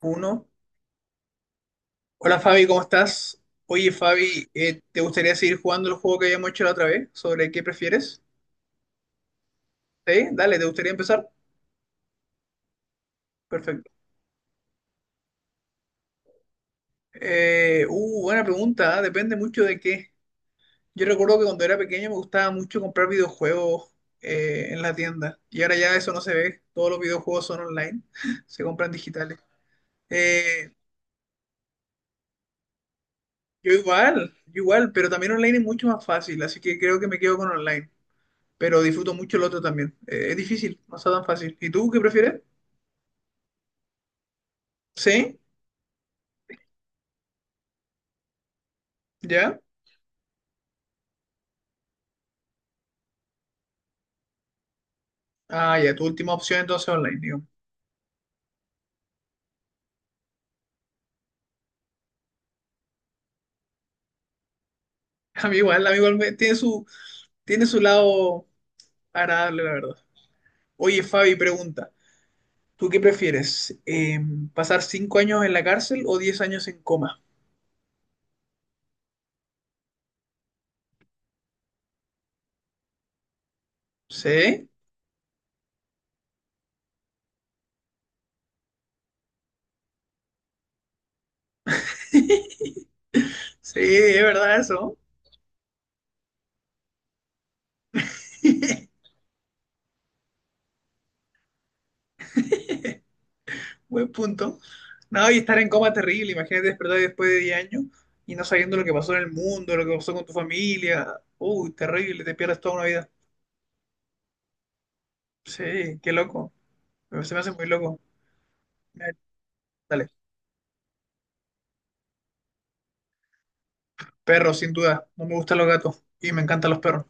Uno. Hola Fabi, ¿cómo estás? Oye Fabi, ¿te gustaría seguir jugando el juego que habíamos hecho la otra vez? ¿Sobre qué prefieres? ¿Sí? Dale, ¿te gustaría empezar? Perfecto. Buena pregunta, ¿eh? Depende mucho de qué. Yo recuerdo que cuando era pequeño me gustaba mucho comprar videojuegos en la tienda, y ahora ya eso no se ve, todos los videojuegos son online, se compran digitales. Eh, yo igual, pero también online es mucho más fácil, así que creo que me quedo con online. Pero disfruto mucho el otro también. Es difícil, no está tan fácil. ¿Y tú qué prefieres? ¿Sí? ¿Ya? Ah, ya, tu última opción entonces online, digo. A mí igual me- Tiene su, tiene su lado agradable, la verdad. Oye, Fabi, pregunta, ¿tú qué prefieres? ¿Pasar 5 años en la cárcel o 10 años en coma? ¿Sí? Sí, es verdad eso. Buen punto. No, y estar en coma terrible, imagínate despertar después de 10 años y no sabiendo lo que pasó en el mundo, lo que pasó con tu familia. Uy, terrible, te pierdes toda una vida. Sí, qué loco. Se me hace muy loco. Eh, Dale. Perros, sin duda. No me gustan los gatos y me encantan los perros.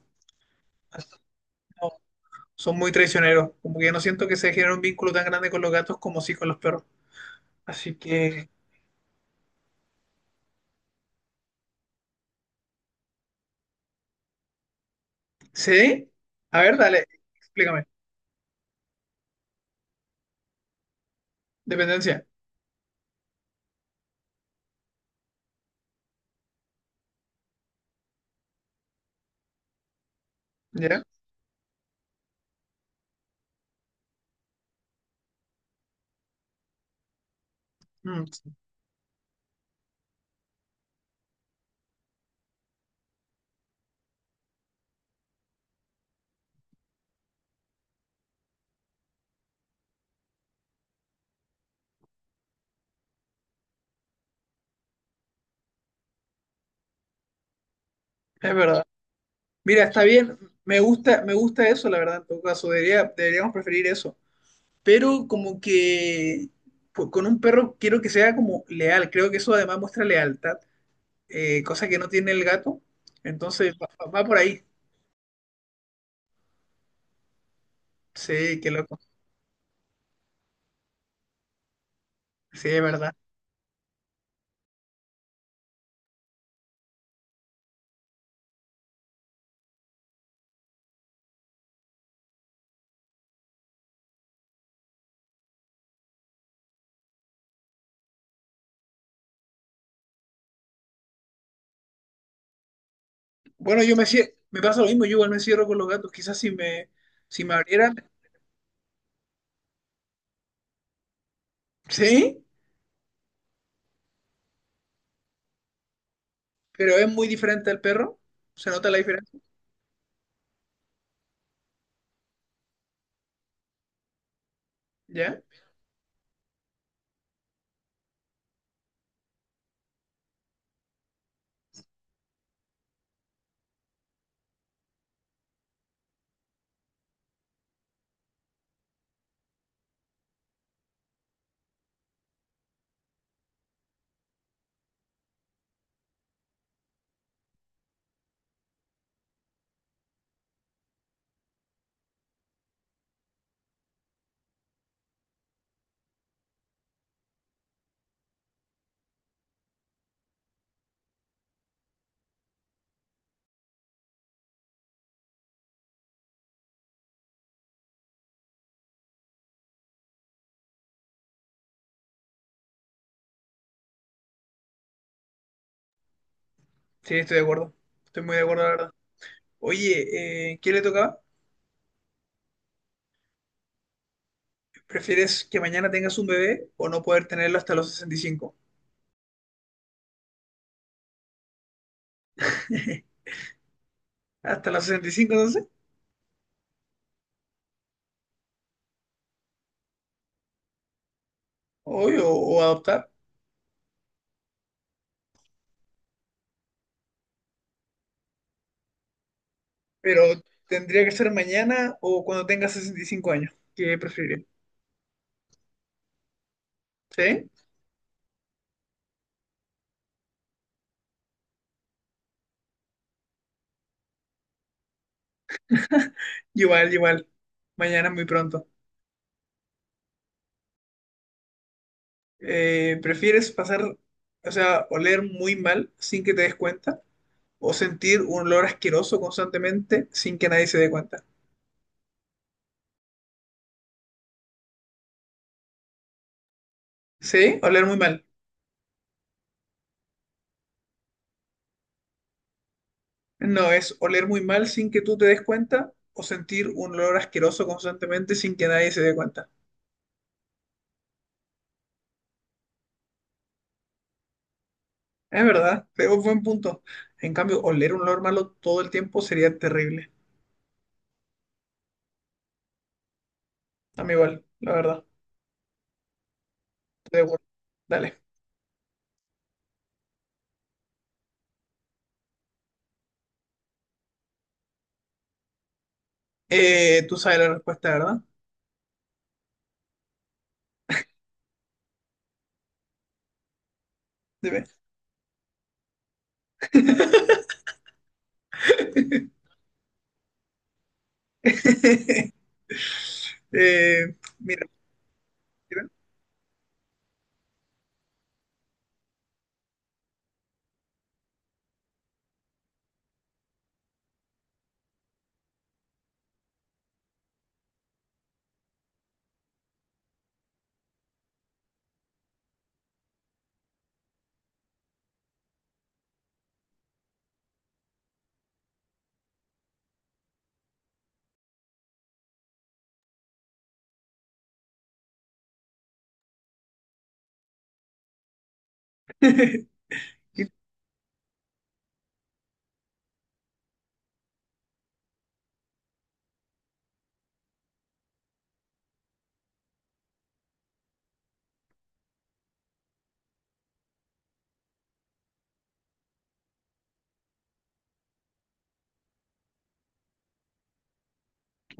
No, son muy traicioneros. Como que yo no siento que se genere un vínculo tan grande con los gatos como sí con los perros. Así que, sí. A ver, dale, explícame. Dependencia. ¿Ya? Mm, es verdad. Mira, está bien, me gusta eso, la verdad, en todo caso, debería, deberíamos preferir eso. Pero como que pues, con un perro quiero que sea como leal, creo que eso además muestra lealtad, cosa que no tiene el gato. Entonces va por ahí. Sí, qué loco. Sí, es verdad. Bueno, me pasa lo mismo, yo igual me cierro con los gatos. Quizás si me, si me abrieran, sí, pero es muy diferente al perro. ¿Se nota la diferencia? ¿Ya? Sí, estoy de acuerdo. Estoy muy de acuerdo, la verdad. Oye, ¿quién le tocaba? ¿Prefieres que mañana tengas un bebé o no poder tenerlo hasta los 65? ¿Hasta los 65 entonces? Obvio, o adoptar. Pero tendría que ser mañana o cuando tengas 65 años. ¿Qué preferiría? ¿Sí? Igual, igual. Mañana es muy pronto. ¿Prefieres pasar, o sea, oler muy mal sin que te des cuenta? ¿O sentir un olor asqueroso constantemente sin que nadie se dé cuenta? ¿Sí? Oler muy mal. No, es oler muy mal sin que tú te des cuenta o sentir un olor asqueroso constantemente sin que nadie se dé cuenta. Es verdad, es un buen punto. En cambio, oler un olor malo todo el tiempo sería terrible. A mí igual, la verdad. Estoy de acuerdo. Dale. Tú sabes la respuesta, ¿verdad? Dime. Mira. Mira.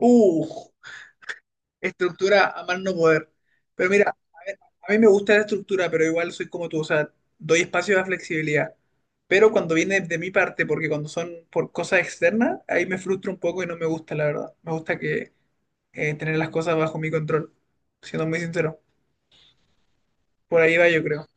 Uh, estructura a más no poder. Pero mira, a ver, a mí me gusta la estructura, pero igual soy como tú, o sea, doy espacio a flexibilidad. Pero cuando viene de mi parte, porque cuando son por cosas externas, ahí me frustro un poco y no me gusta, la verdad. Me gusta que tener las cosas bajo mi control, siendo muy sincero. Por ahí va, yo creo.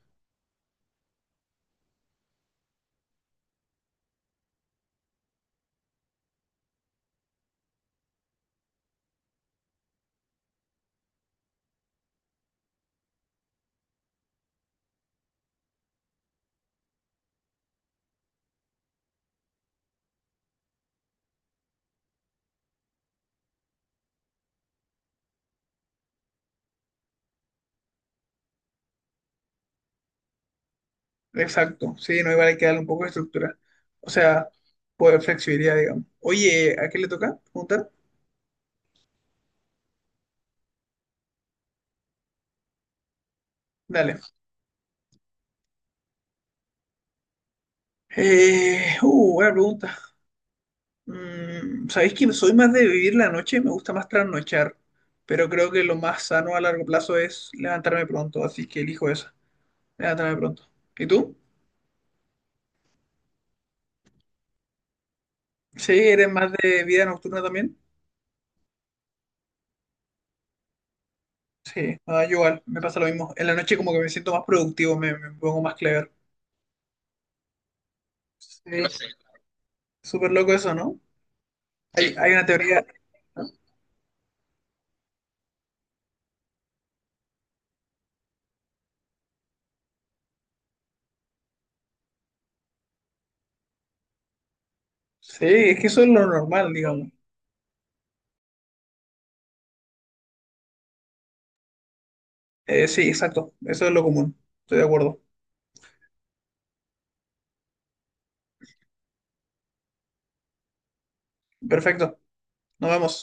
Exacto, sí, no, igual hay que darle un poco de estructura. O sea, pues flexibilidad, digamos. Oye, ¿a qué le toca preguntar? Dale. Buena pregunta. Mm, sabéis que soy más de vivir la noche, me gusta más trasnochar, pero creo que lo más sano a largo plazo es levantarme pronto, así que elijo esa, levantarme pronto. ¿Y tú? Sí, eres más de vida nocturna también. Sí, no, yo igual, me pasa lo mismo. En la noche como que me siento más productivo, me pongo más clever. Sí, súper loco eso, ¿no? Hay una teoría. ¿No? Sí, es que eso es lo normal, digamos. Sí, exacto, eso es lo común, estoy de acuerdo. Perfecto, nos vemos.